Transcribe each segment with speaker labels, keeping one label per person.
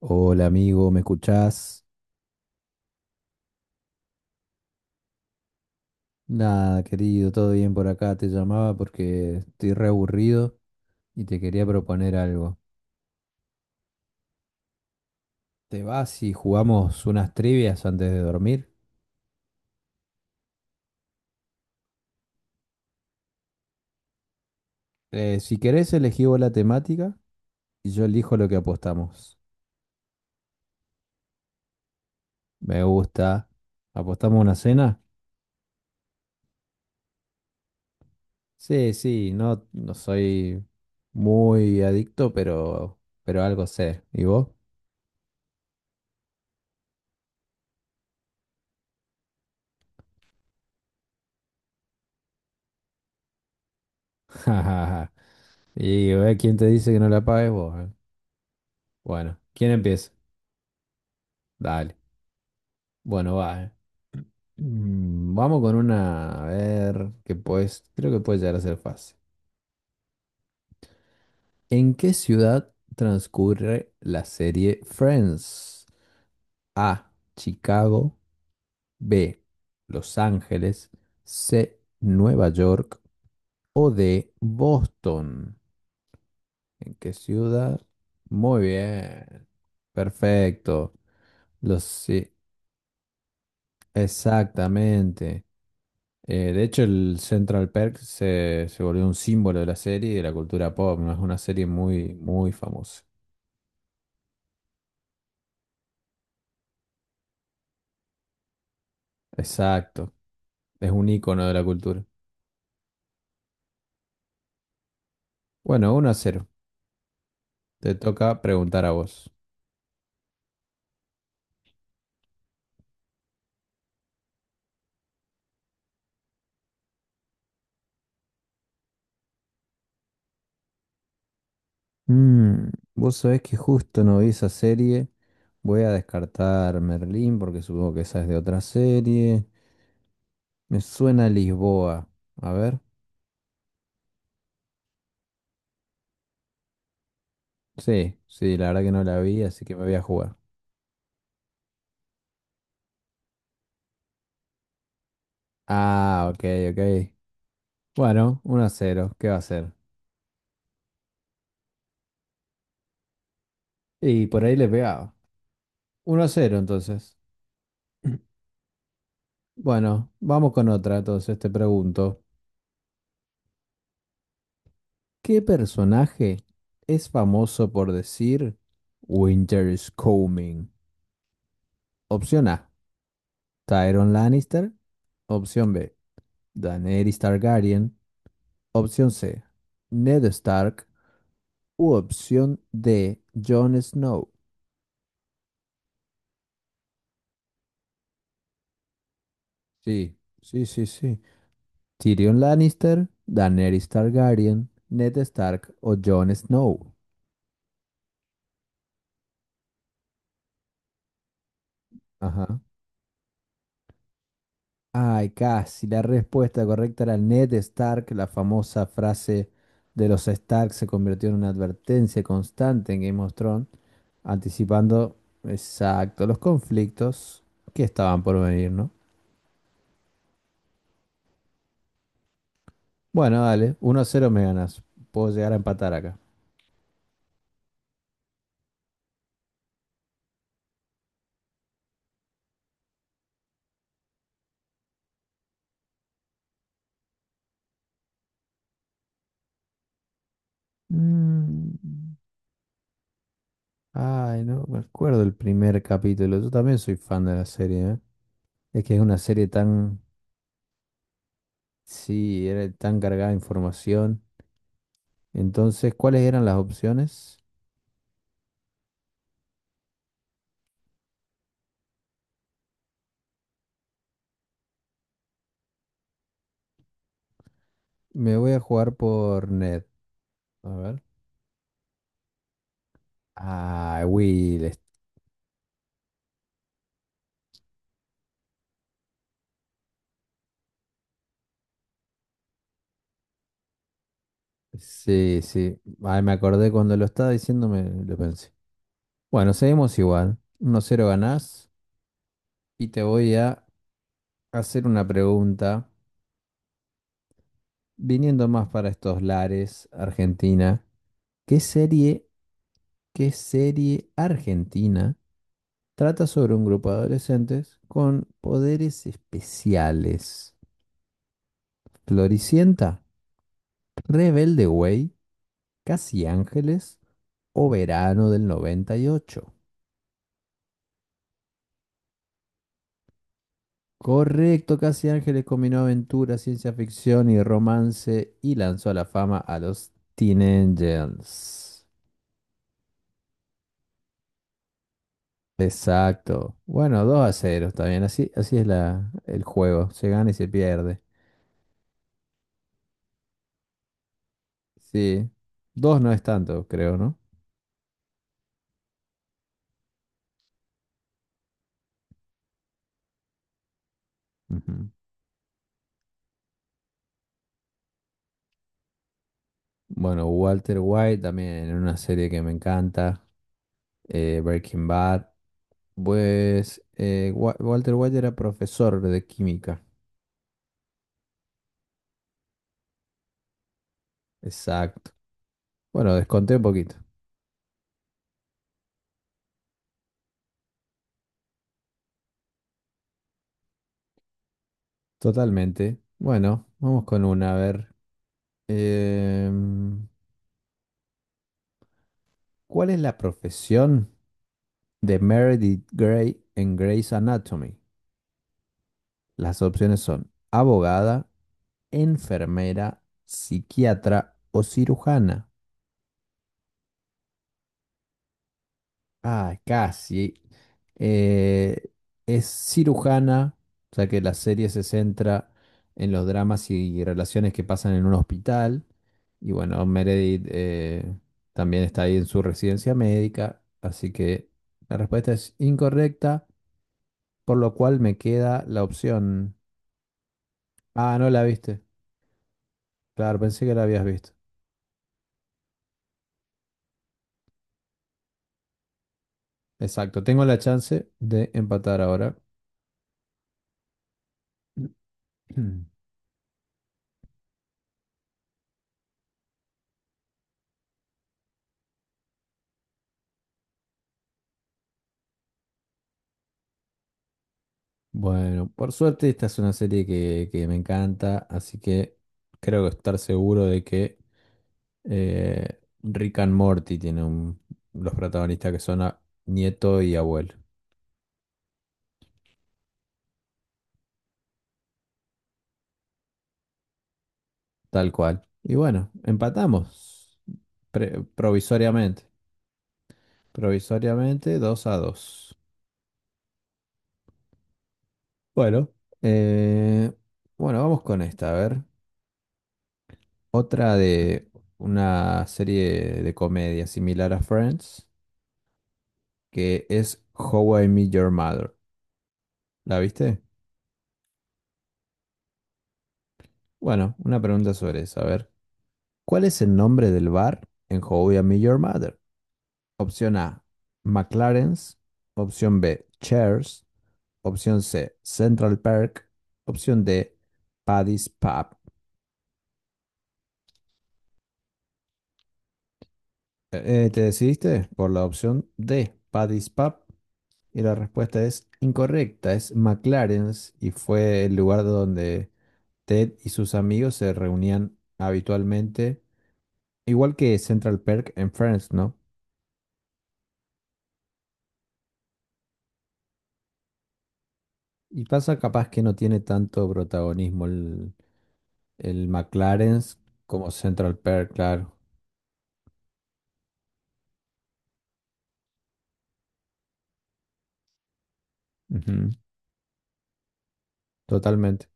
Speaker 1: Hola amigo, ¿me escuchás? Nada, querido, todo bien por acá. Te llamaba porque estoy re aburrido y te quería proponer algo. ¿Te vas y jugamos unas trivias antes de dormir? Si querés, elegí vos la temática y yo elijo lo que apostamos. Me gusta. ¿Apostamos una cena? Sí, sí, no, no soy muy adicto, pero algo sé. ¿Y vos? Y ¿quién te dice que no la pagues vos, eh? Bueno, ¿quién empieza? Dale. Bueno, va. Vamos con una, a ver, que pues, creo que puede llegar a ser fácil. ¿En qué ciudad transcurre la serie Friends? A, Chicago, B, Los Ángeles, C, Nueva York o D, Boston. ¿En qué ciudad? Muy bien. Perfecto. Los, sí, exactamente. De hecho, el Central Perk se volvió un símbolo de la serie y de la cultura pop, ¿no? Es una serie muy, muy famosa. Exacto, es un icono de la cultura. Bueno, 1 a 0. Te toca preguntar a vos. Mm, vos sabés que justo no vi esa serie. Voy a descartar Merlín porque supongo que esa es de otra serie. Me suena Lisboa. A ver. Sí, sí, la verdad que no la vi, así que me voy a jugar. Ah, ok, ok. Bueno, uno a cero. ¿Qué va a hacer? Y por ahí le pegaba. 1 a 0 entonces. Bueno, vamos con otra entonces, te pregunto. ¿Qué personaje es famoso por decir Winter is coming? Opción A, Tyrion Lannister. Opción B, Daenerys Targaryen. Opción C, Ned Stark. U opción D, Jon Snow. Sí, sí, sí, sí. Tyrion Lannister, Daenerys Targaryen, Ned Stark o Jon Snow. Ajá. Ay, casi. La respuesta correcta era Ned Stark. La famosa frase de los Stark se convirtió en una advertencia constante en Game of Thrones, anticipando exacto los conflictos que estaban por venir, ¿no? Bueno, dale, 1 a 0 me ganas. Puedo llegar a empatar acá. Mm, Ay, no me acuerdo el primer capítulo. Yo también soy fan de la serie, ¿eh? Es que es una serie tan, sí, era tan cargada de información. Entonces, ¿cuáles eran las opciones? Me voy a jugar por Ned. A ver. Ah, Will. Es- Sí, sí. Ay, me acordé cuando lo estaba diciendo, me lo pensé. Bueno, seguimos igual. 1 a 0 ganás. Y te voy a hacer una pregunta. Viniendo más para estos lares, Argentina. ¿Qué serie, ¿qué serie argentina trata sobre un grupo de adolescentes con poderes especiales? ¿Floricienta? ¿Rebelde Way? ¿Casi Ángeles? O verano del 98. Correcto, Casi Ángeles combinó aventura, ciencia ficción y romance y lanzó a la fama a los Teen Angels. Exacto. Bueno, 2 a 0, está bien. Así, así es la, el juego. Se gana y se pierde. Sí. Dos no es tanto, creo, ¿no? Ujú. Bueno, Walter White también en una serie que me encanta, Breaking Bad. Pues Walter White era profesor de química. Exacto. Bueno, desconté un poquito. Totalmente. Bueno, vamos con una. A ver. Em, ¿Cuál es la profesión de Meredith Grey en Grey's Anatomy? Las opciones son abogada, enfermera, psiquiatra o cirujana. Ah, casi. Eh, es cirujana, o sea que la serie se centra en los dramas y relaciones que pasan en un hospital. Y bueno, Meredith también está ahí en su residencia médica, así que la respuesta es incorrecta, por lo cual me queda la opción. Ah, no la viste. Claro, pensé que la habías visto. Exacto, tengo la chance de empatar ahora. Bueno, por suerte esta es una serie que me encanta, así que creo que estar seguro de que Rick and Morty tiene un- los protagonistas que son a- nieto y abuelo, tal cual. Y bueno, empatamos pre- provisoriamente, provisoriamente 2 a 2. Bueno, eh, bueno, vamos con esta, a ver, otra de una serie de comedia similar a Friends, que es How I Met Your Mother. ¿La viste? Bueno, una pregunta sobre eso. A ver, ¿cuál es el nombre del bar en How I Met Your Mother? Opción A, McLaren's. Opción B, Cheers. Opción C, Central Park. Opción D, Paddy's Pub. ¿Te decidiste por la opción D, Paddy's Pub? Y la respuesta es incorrecta, es McLaren's y fue el lugar donde Ted y sus amigos se reunían habitualmente, igual que Central Park en Friends, ¿no? Y pasa capaz que no tiene tanto protagonismo el McLaren como Central Perk, claro. Ujú, totalmente.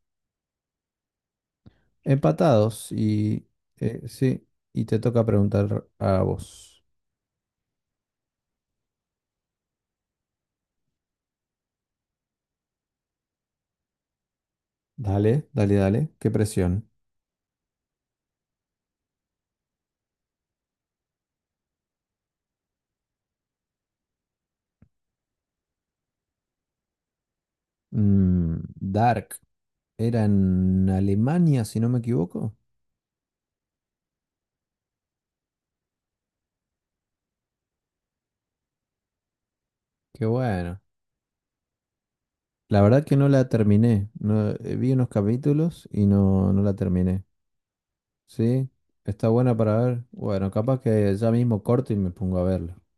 Speaker 1: Empatados y sí, y te toca preguntar a vos. Dale, dale, dale. Qué presión. Dark era en Alemania, si no me equivoco. Qué bueno. La verdad que no la terminé. No, vi unos capítulos y no, no la terminé. Sí, está buena para ver. Bueno, capaz que ya mismo corto y me pongo a verlo.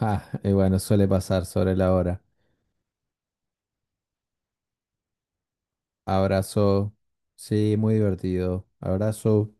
Speaker 1: Ja, y bueno, suele pasar sobre la hora. Abrazo. Sí, muy divertido. Abrazo.